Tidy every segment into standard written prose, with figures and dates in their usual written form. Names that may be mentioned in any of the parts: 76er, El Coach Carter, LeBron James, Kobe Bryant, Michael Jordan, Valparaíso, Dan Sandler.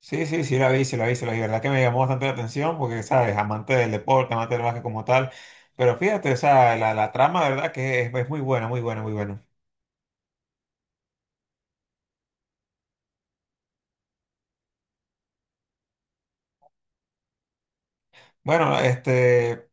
Sí, sí, sí la vi, sí la vi, sí la vi. La verdad que me llamó bastante la atención porque, ¿sabes? Amante del deporte, amante del básquet como tal. Pero fíjate, o sea, la trama, de verdad que es muy buena, muy buena, muy buena. Bueno,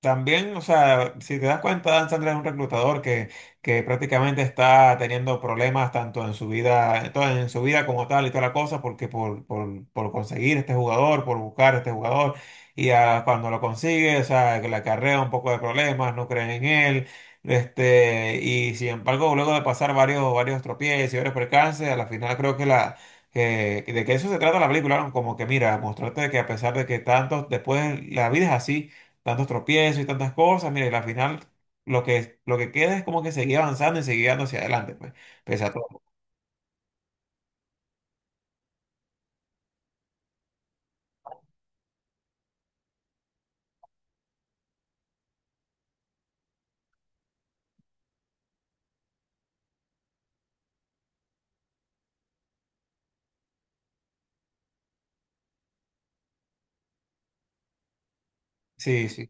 también, o sea, si te das cuenta, Dan Sandler es un reclutador que prácticamente está teniendo problemas tanto en su vida, en su vida como tal y toda la cosa, porque por conseguir este jugador, por buscar este jugador, y cuando lo consigue, o sea, que le acarrea un poco de problemas, no creen en él, y sin embargo, luego de pasar varios tropiezos y varios percances, a la final creo de que eso se trata la película, ¿no? Como que mira, mostrarte que a pesar de que tantos, después la vida es así tantos tropiezos y tantas cosas, mira, y al final lo que queda es como que seguir avanzando y seguir dando hacia adelante, pues, pese a todo. Sí, sí.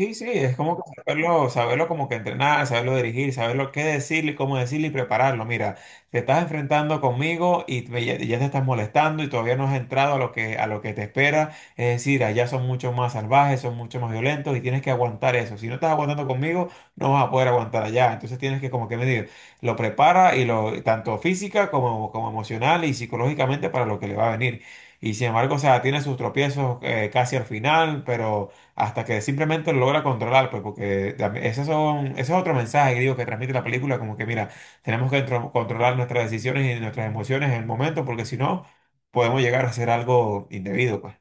Sí, sí, es como que saberlo como que entrenar, saberlo dirigir, saberlo qué decirle, cómo decirle y prepararlo. Mira, te estás enfrentando conmigo y ya te estás molestando y todavía no has entrado a lo que te espera. Es decir, allá son mucho más salvajes, son mucho más violentos y tienes que aguantar eso. Si no estás aguantando conmigo, no vas a poder aguantar allá. Entonces tienes que como que medir, lo prepara y lo, tanto física como, como emocional y psicológicamente para lo que le va a venir. Y sin embargo, o sea, tiene sus tropiezos casi al final, pero hasta que simplemente lo logra controlar, pues, porque ese es otro mensaje que digo que transmite la película, como que mira, tenemos que controlar nuestras decisiones y nuestras emociones en el momento, porque si no, podemos llegar a hacer algo indebido, pues.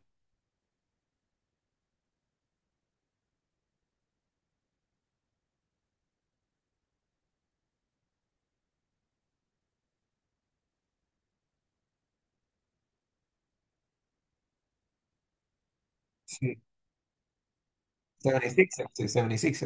Sí. 76er, sí, 76er.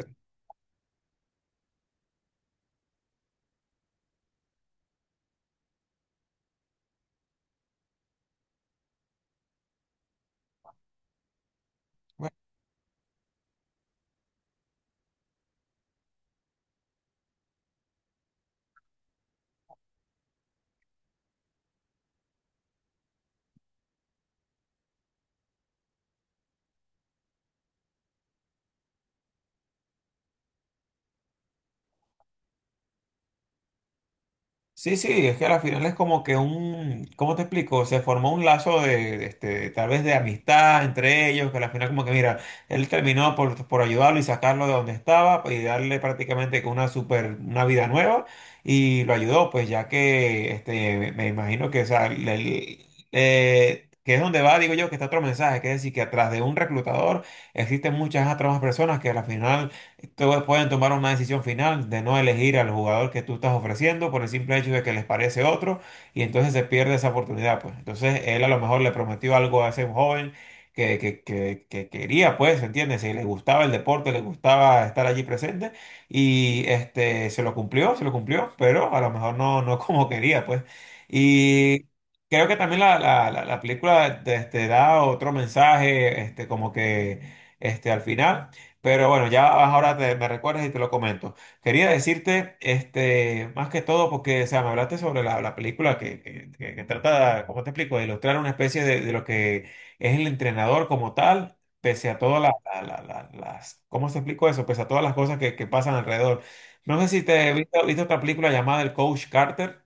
Sí, sí, es que al final es como que un, ¿cómo te explico? Se formó un lazo de tal vez de amistad entre ellos, que al final como que mira, él terminó por ayudarlo y sacarlo de donde estaba pues, y darle prácticamente que una super, una vida nueva y lo ayudó, pues ya que este, me imagino que, o sea, que es donde va, digo yo, que está otro mensaje, que es decir, que atrás de un reclutador existen muchas otras personas que al final entonces pueden tomar una decisión final de no elegir al jugador que tú estás ofreciendo por el simple hecho de que les parece otro y entonces se pierde esa oportunidad, pues. Entonces él a lo mejor le prometió algo a ese joven que quería, pues, ¿entiendes? Si le gustaba el deporte, le gustaba estar allí presente y este, se lo cumplió, pero a lo mejor no, no como quería, pues. Y creo que también la película da otro mensaje, como que al final. Pero bueno, ya ahora me recuerdas y te lo comento. Quería decirte, más que todo, porque, o sea, me hablaste sobre la película que trata, ¿cómo te explico?, de ilustrar una especie de lo que es el entrenador como tal, pese a todas las, ¿cómo te explico eso? Pese a todas las cosas que pasan alrededor. No sé si te viste, viste otra película llamada El Coach Carter.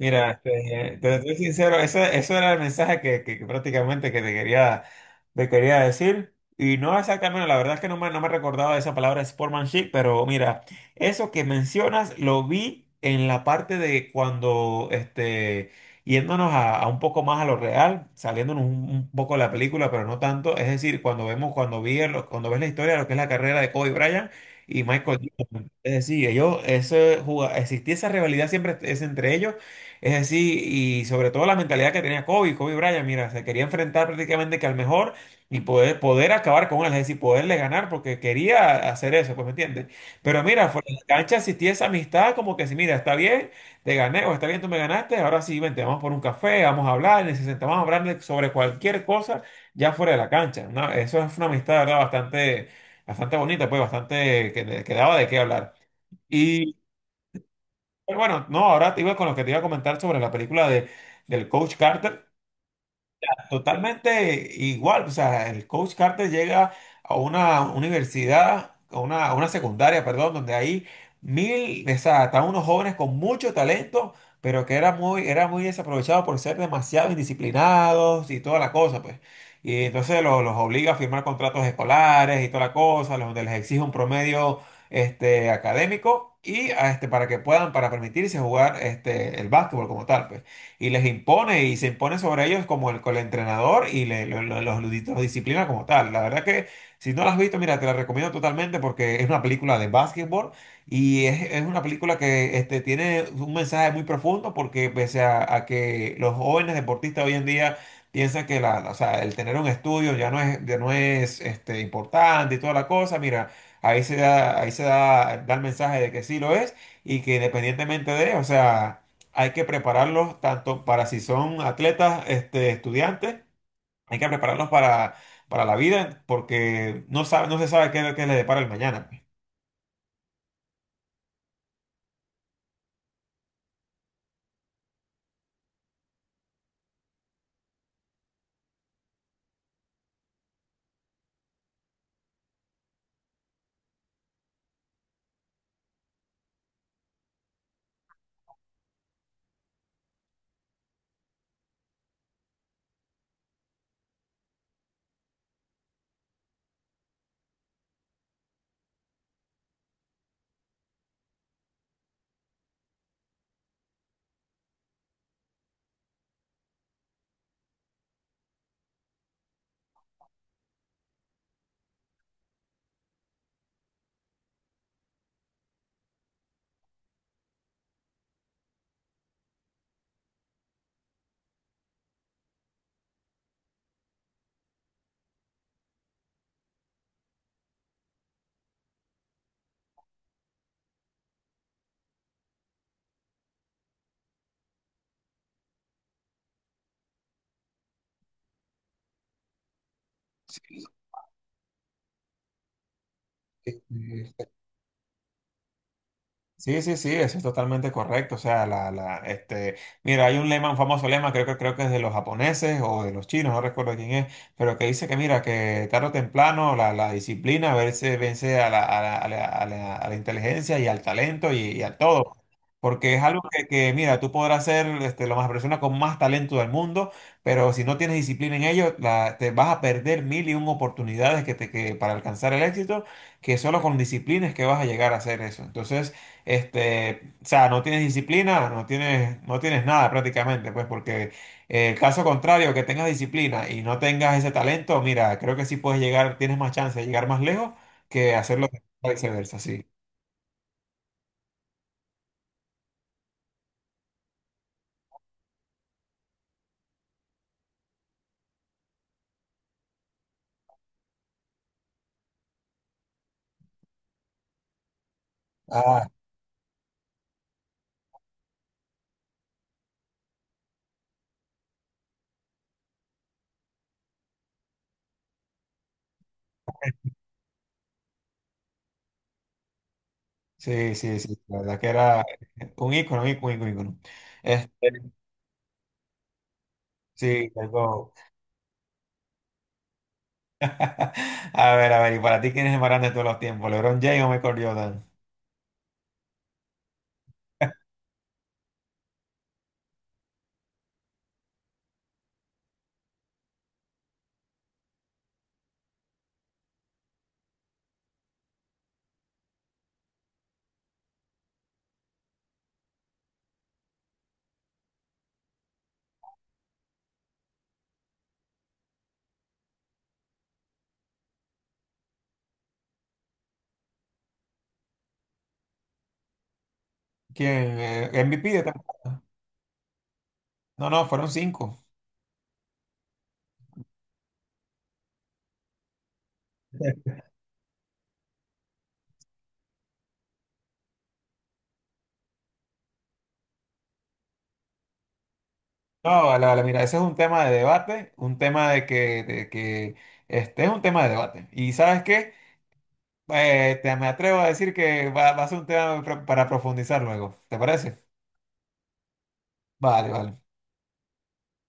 Mira, te soy sincero, eso era el mensaje que prácticamente que te quería decir. Y no exactamente, la verdad es que no me recordaba esa palabra sportsmanship, pero mira, eso que mencionas lo vi en la parte de cuando, yéndonos a un poco más a lo real, saliéndonos un poco de la película, pero no tanto. Es decir, cuando vemos, cuando vi, el- cuando ves la historia de lo que es la carrera de Kobe Bryant y Michael Jordan. Es decir, ellos, existía esa rivalidad siempre es entre ellos. Es así, y sobre todo la mentalidad que tenía Kobe Bryant, mira, se quería enfrentar prácticamente que al mejor y poder acabar con él, es decir, poderle ganar porque quería hacer eso, pues, ¿me entiendes? Pero mira, fuera de la cancha existía esa amistad como que si, mira, está bien, te gané o está bien, tú me ganaste, ahora sí, vente, vamos por un café, vamos a hablar, y se sentaban a hablar sobre cualquier cosa ya fuera de la cancha, ¿no? Eso es una amistad, ¿verdad? Bastante, bastante bonita, pues, bastante que daba de qué hablar. Pero bueno, no, ahora te iba con lo que te iba a comentar sobre la película del Coach Carter. Totalmente igual, o sea, el coach Carter llega a una universidad, a una secundaria, perdón, donde hay mil, o sea, están unos jóvenes con mucho talento, pero que era muy desaprovechado por ser demasiado indisciplinados y toda la cosa, pues. Y entonces los obliga a firmar contratos escolares y toda la cosa, donde les exige un promedio académico y a, para que puedan, para permitirse jugar el básquetbol como tal, pues y les impone y se impone sobre ellos como con el entrenador y los disciplina como tal. La verdad que si no la has visto, mira, te la recomiendo totalmente porque es una película de básquetbol y es una película que tiene un mensaje muy profundo porque pese a que los jóvenes deportistas hoy en día... Piensan que la, o sea, el tener un estudio ya no es importante y toda la cosa. Mira, da el mensaje de que sí lo es y que independientemente de, o sea, hay que prepararlos tanto para si son atletas, estudiantes, hay que prepararlos para la vida porque no se sabe qué les depara el mañana. Pues. Sí, sí. Sí, sí, sí, eso es totalmente correcto. O sea, mira, hay un lema, un famoso lema, creo que es de los japoneses o de los chinos, no recuerdo quién es, pero que dice que, mira, que tarde o temprano la disciplina vence a la, a la, a la, a la- a la inteligencia y al talento y a todo. Porque es algo mira, tú podrás ser este, la más persona con más talento del mundo, pero si no tienes disciplina en ello, te vas a perder mil y un oportunidades para alcanzar el éxito, que solo con disciplina es que vas a llegar a hacer eso. Entonces, o sea, no tienes disciplina, no tienes nada prácticamente, pues porque el caso contrario, que tengas disciplina y no tengas ese talento, mira, creo que sí puedes llegar, tienes más chance de llegar más lejos que hacerlo viceversa, sí. Ah, sí, sí, sí, la verdad que era un ícono, un ícono, un ícono. Este, sí, algo. A ver, ¿y para ti quién es el más grande de todos los tiempos? ¿LeBron James o Michael Jordan? ¿Quién? ¿MVP de tal- No, no, fueron cinco. No, vale, vale, mira, ese es un tema de debate, un tema de que este es un tema de debate. Y sabes qué, me atrevo a decir que va a ser un tema para profundizar luego, ¿te parece? Vale, vale.